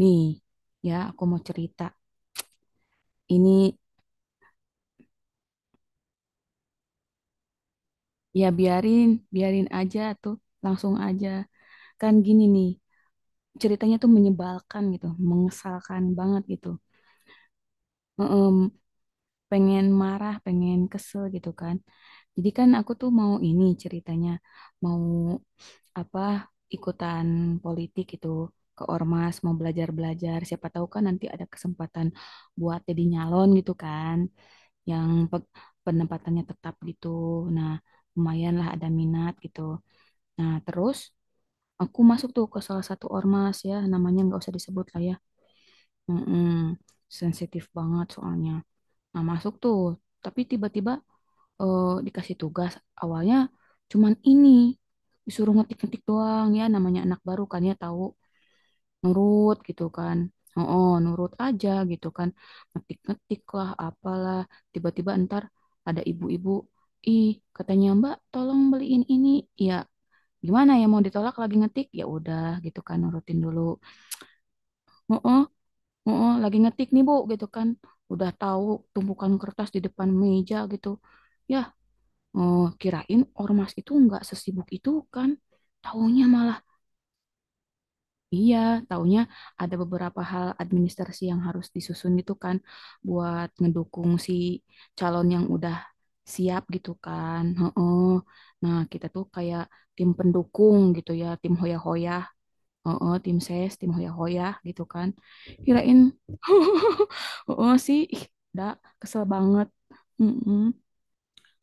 Nih, ya aku mau cerita. Ini ya biarin, biarin aja tuh, langsung aja. Kan gini nih, ceritanya tuh menyebalkan gitu, mengesalkan banget gitu. Em, Pengen marah, pengen kesel gitu kan. Jadi kan aku tuh mau ini ceritanya, mau apa ikutan politik gitu ke ormas, mau belajar-belajar. Siapa tahu kan nanti ada kesempatan buat jadi nyalon gitu kan, yang pe- penempatannya tetap gitu. Nah, lumayan lah ada minat gitu. Nah, terus aku masuk tuh ke salah satu ormas ya, namanya nggak usah disebut lah ya. Mm-mm, sensitif banget soalnya. Nah, masuk tuh, tapi tiba-tiba dikasih tugas awalnya cuman ini, disuruh ngetik-ngetik doang, ya namanya anak baru kan ya tahu nurut gitu kan. Oh, nurut aja gitu kan. Ngetik-ngetik lah, apalah. Tiba-tiba ntar ada ibu-ibu, ih, katanya Mbak tolong beliin ini. Ya gimana ya, mau ditolak lagi ngetik? Ya udah gitu kan, nurutin dulu. Oh, oh, oh, oh, lagi ngetik nih Bu gitu kan. Udah tahu tumpukan kertas di depan meja gitu. Ya, oh, kirain ormas itu nggak sesibuk itu kan. Taunya malah, iya, taunya ada beberapa hal administrasi yang harus disusun gitu kan, buat ngedukung si calon yang udah siap gitu kan. Heeh. Nah, kita tuh kayak tim pendukung gitu ya, tim hoya-hoya, heeh, tim ses, tim hoya-hoya gitu kan. Kirain, heeh sih, ih, dah kesel banget. Mm-mm.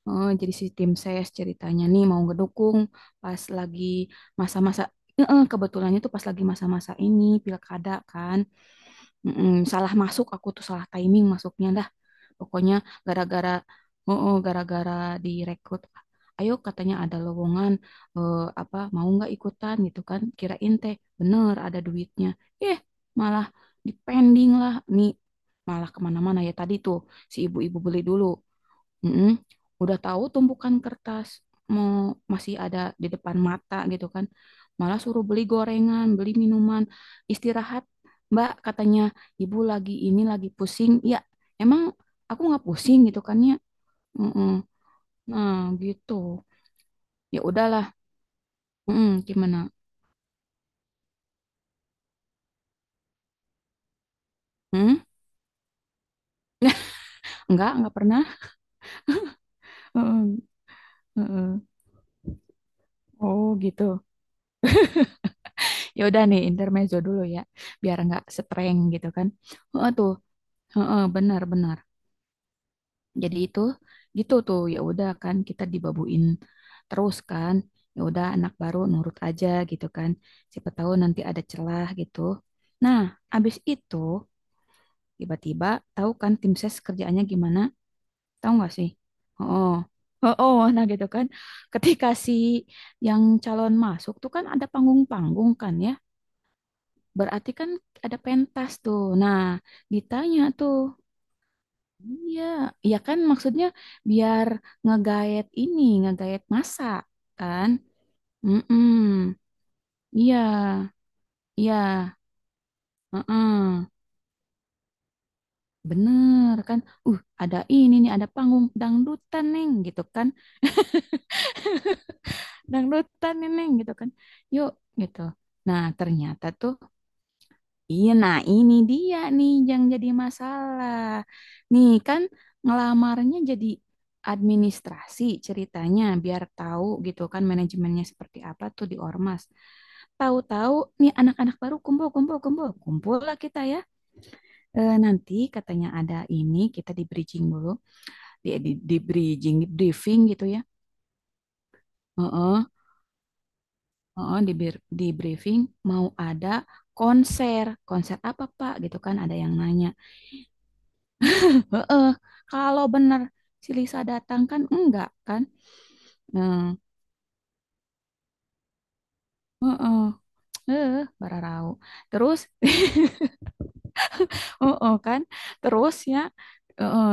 Eh, jadi si tim ses ceritanya nih mau ngedukung pas lagi masa-masa, kebetulannya tuh pas lagi masa-masa ini pilkada kan. Mm-mm, salah masuk aku tuh, salah timing masuknya dah, pokoknya gara-gara, oh, gara-gara direkrut, ayo katanya ada lowongan, eh, apa mau nggak ikutan gitu kan, kirain teh bener ada duitnya, eh malah dipending lah nih, malah kemana-mana, ya tadi tuh si ibu-ibu beli dulu. Mm-mm. Udah tahu tumpukan kertas mau masih ada di depan mata gitu kan. Malah suruh beli gorengan, beli minuman, istirahat. Mbak katanya ibu lagi ini, lagi pusing. Ya emang aku nggak pusing gitu kan ya. Mm-mm. Nah gitu. Ya udahlah. Mm-mm, gimana? Hmm? Enggak pernah. Mm-mm, mm-mm. Oh gitu. Ya udah nih intermezzo dulu ya, biar nggak streng gitu kan. Heeh tuh, heeh benar-benar. Jadi itu gitu tuh, ya udah kan kita dibabuin terus kan, ya udah anak baru nurut aja gitu kan, siapa tahu nanti ada celah gitu. Nah, abis itu tiba-tiba, tahu kan tim ses kerjaannya gimana, tahu nggak sih, oh oh oh nah gitu kan, ketika si yang calon masuk tuh kan ada panggung-panggung kan ya, berarti kan ada pentas tuh nah, ditanya tuh. Iya, ya kan maksudnya biar ngegaet ini, ngegaet masa kan? Mm-mm. Iya, iya, mm-mm. Bener kan? Ada ini nih, ada panggung dangdutan neng gitu kan? Dangdutan nih neng gitu kan? Yuk gitu. Nah ternyata tuh, iya, nah ini dia nih yang jadi masalah. Nih kan ngelamarnya jadi administrasi, ceritanya biar tahu gitu kan manajemennya seperti apa tuh di ormas. Tahu-tahu nih anak-anak baru kumpul kumpul kumpul kumpul lah kita ya. Eh, nanti katanya ada ini, kita di bridging dulu, di briefing gitu ya. Heeh, heeh, di briefing mau ada konser, konser apa Pak gitu kan, ada yang nanya. Heeh, kalau benar si Lisa datang kan, enggak kan? Hmm, heeh, eh, bararau. Terus, heeh kan? Terus ya, heeh.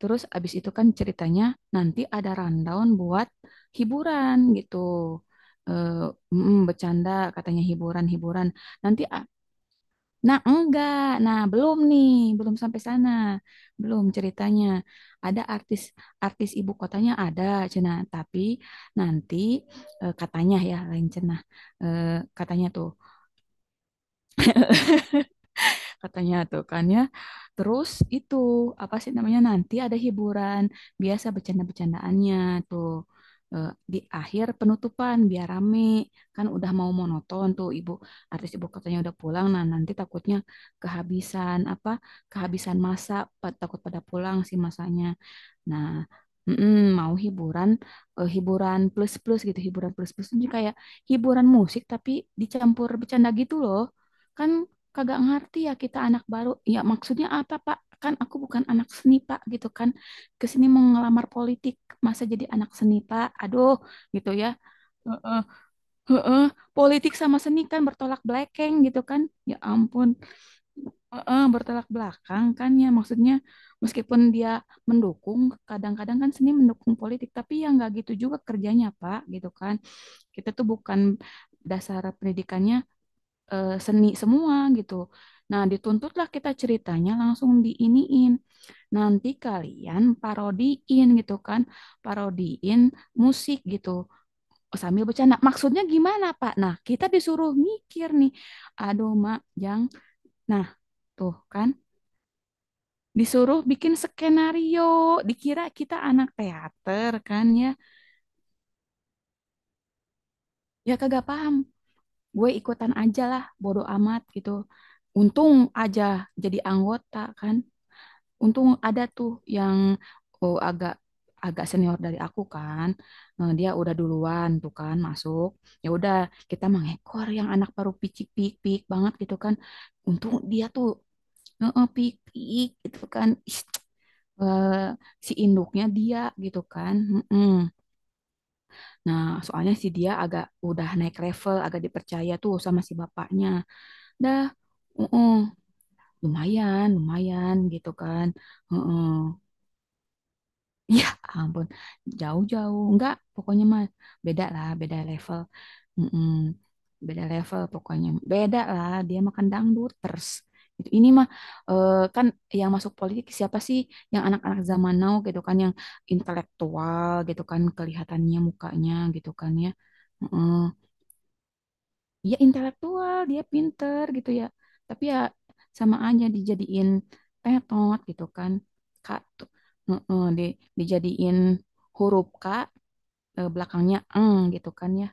Terus abis itu kan ceritanya nanti ada rundown buat hiburan gitu. Eh, Bercanda katanya, hiburan-hiburan. Nanti a- Nah, enggak. Nah, belum nih, belum sampai sana. Belum ceritanya. Ada artis, artis ibu kotanya ada cenah, tapi nanti eh, katanya ya lain cenah. Eh, katanya tuh, katanya tuh kan ya. Terus itu apa sih namanya, nanti ada hiburan biasa bercanda-bercandaannya tuh. Eh, di akhir penutupan biar rame, kan udah mau monoton tuh, ibu artis ibu katanya udah pulang, nah nanti takutnya kehabisan apa, kehabisan masa, takut pada pulang si masanya. Nah, mm-mm, mau hiburan, eh, hiburan plus-plus gitu, hiburan plus-plus itu kayak hiburan musik tapi dicampur bercanda gitu loh. Kan kagak ngerti ya kita anak baru. Ya maksudnya apa, Pak? Kan aku bukan anak seni, Pak, gitu kan. Kesini mau ngelamar politik, masa jadi anak seni, Pak? Aduh, gitu ya. Heeh, heeh. Politik sama seni kan bertolak belakang gitu kan. Ya ampun, heeh, bertolak belakang kan, ya maksudnya meskipun dia mendukung, kadang-kadang kan seni mendukung politik, tapi ya nggak gitu juga kerjanya Pak gitu kan. Kita tuh bukan dasar pendidikannya eh, seni semua gitu. Nah, dituntutlah kita ceritanya, langsung diiniin, nanti kalian parodiin gitu kan, parodiin musik gitu. Oh, sambil bercanda, maksudnya gimana Pak, nah kita disuruh mikir nih, aduh Mak Jang, nah tuh kan disuruh bikin skenario, dikira kita anak teater kan ya. Ya kagak paham, gue ikutan aja lah, bodo amat gitu. Untung aja jadi anggota kan. Untung ada tuh yang oh, agak agak senior dari aku kan. Eh, dia udah duluan tuh kan masuk. Ya udah, kita mengekor yang anak baru picik-pik banget gitu kan. Untung dia tuh heeh, pikik gitu kan. Ih, eh, si induknya dia gitu kan. Mm-mm. Nah, soalnya si dia agak udah naik level, agak dipercaya tuh sama si bapaknya. Dah, mm lumayan, lumayan gitu kan. mm Ya ampun, jauh-jauh. Enggak, pokoknya mah beda lah, beda level. Mm-mm. Beda level pokoknya. Beda lah, dia makan dangduters gitu ini mah. Eh, kan yang masuk politik siapa sih? Yang anak-anak zaman now gitu kan, yang intelektual gitu kan, kelihatannya mukanya gitu kan ya. mm Dia intelektual, dia pinter gitu ya. Tapi ya sama aja dijadiin tetot gitu kan. Kak tuh. Di, dijadiin huruf K, eh, belakangnya eng gitu kan ya,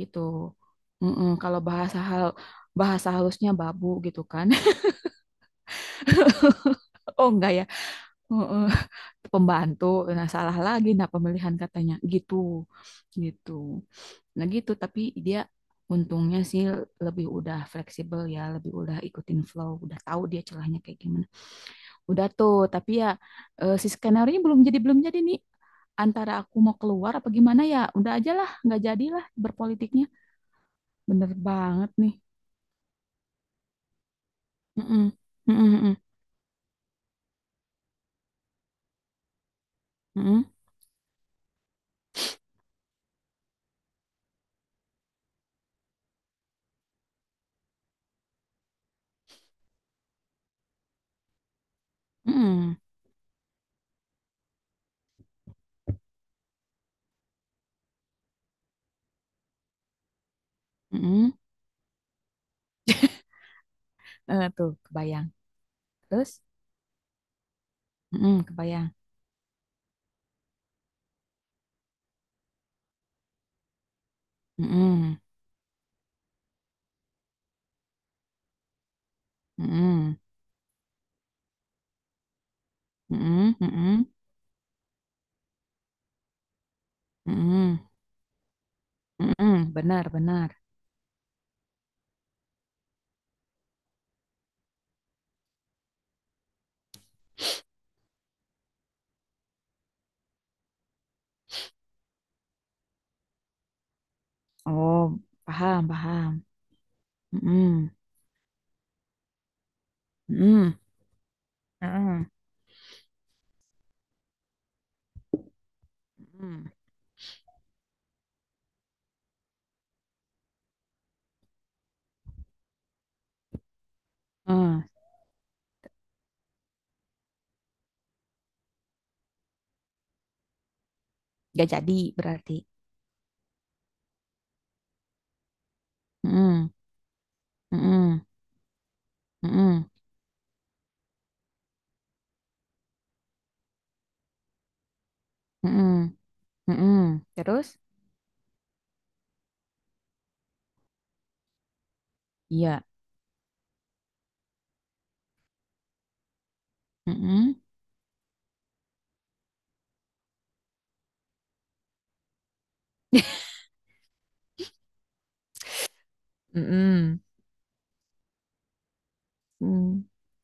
gitu. Mm-mm, kalau bahasa halusnya babu gitu kan. Oh enggak ya. Mm-mm. Pembantu, nah salah lagi nah pemilihan katanya gitu, gitu. Nah gitu, tapi dia untungnya sih lebih udah fleksibel ya, lebih udah ikutin flow, udah tahu dia celahnya kayak gimana, udah tuh, tapi ya eh, si skenario belum jadi, belum jadi nih, antara aku mau keluar apa gimana, ya udah aja lah, nggak jadilah berpolitiknya. Bener banget nih. Mm-mm, mm-mm, mm-mm, mm-mm, mm-mm, mm-mm. Eh, tuh kebayang. Terus, mm-mm, kebayang. Mm-mm, mm-mm, mm-mm, mm-mm, mm-mm, mm-mm. Benar, benar. Oh, paham, paham. Mm-mm, mm-mm, mm-mm, mm-mm. Eh, gak jadi berarti. Mm-mm, mm-mm, mm-mm, mm-mm, mm-mm. Terus, iya. Mm-mm, mm-mm, mm.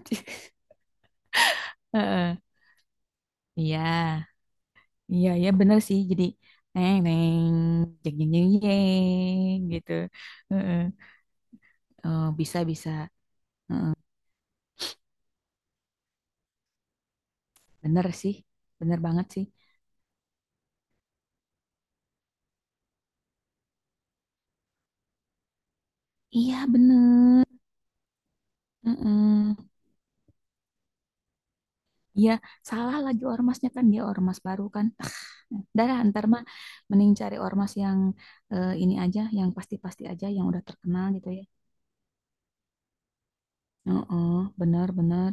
Heeh, iya. Iya, iya bener sih. Jadi neng neng, jeng jeng jeng jeng gitu. Heeh. Oh, bisa bisa. Heeh, bener sih. Bener banget sih. Iya, bener. Heeh. Iya, salah lagi ormasnya kan, dia ormas baru kan. Darah antar mah mending cari ormas yang eh, ini aja, yang pasti-pasti aja, yang udah terkenal gitu ya. Heeh, benar benar.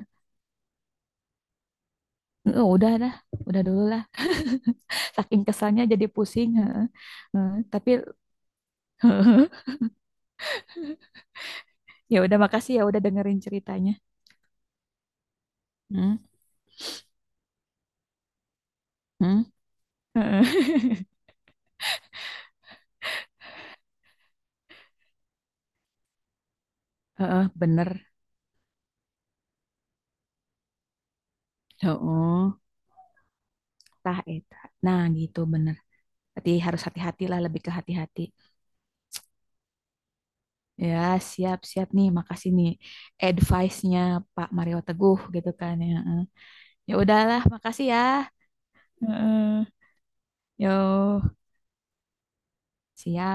Heeh, udah dah, udah dulu lah. Saking kesannya jadi pusing. Heeh. Heeh, tapi ya udah makasih ya udah dengerin ceritanya. Hmm, hmm, heeh. Heeh, bener. Oh, tah eta. Nah, gitu bener. Harus hati-hati lah, lebih ke hati-hati. Ya, siap-siap nih. Makasih nih advice-nya Pak Mario Teguh gitu kan ya. Heeh. Ya udahlah, makasih ya. Heeh. Yo. Siap.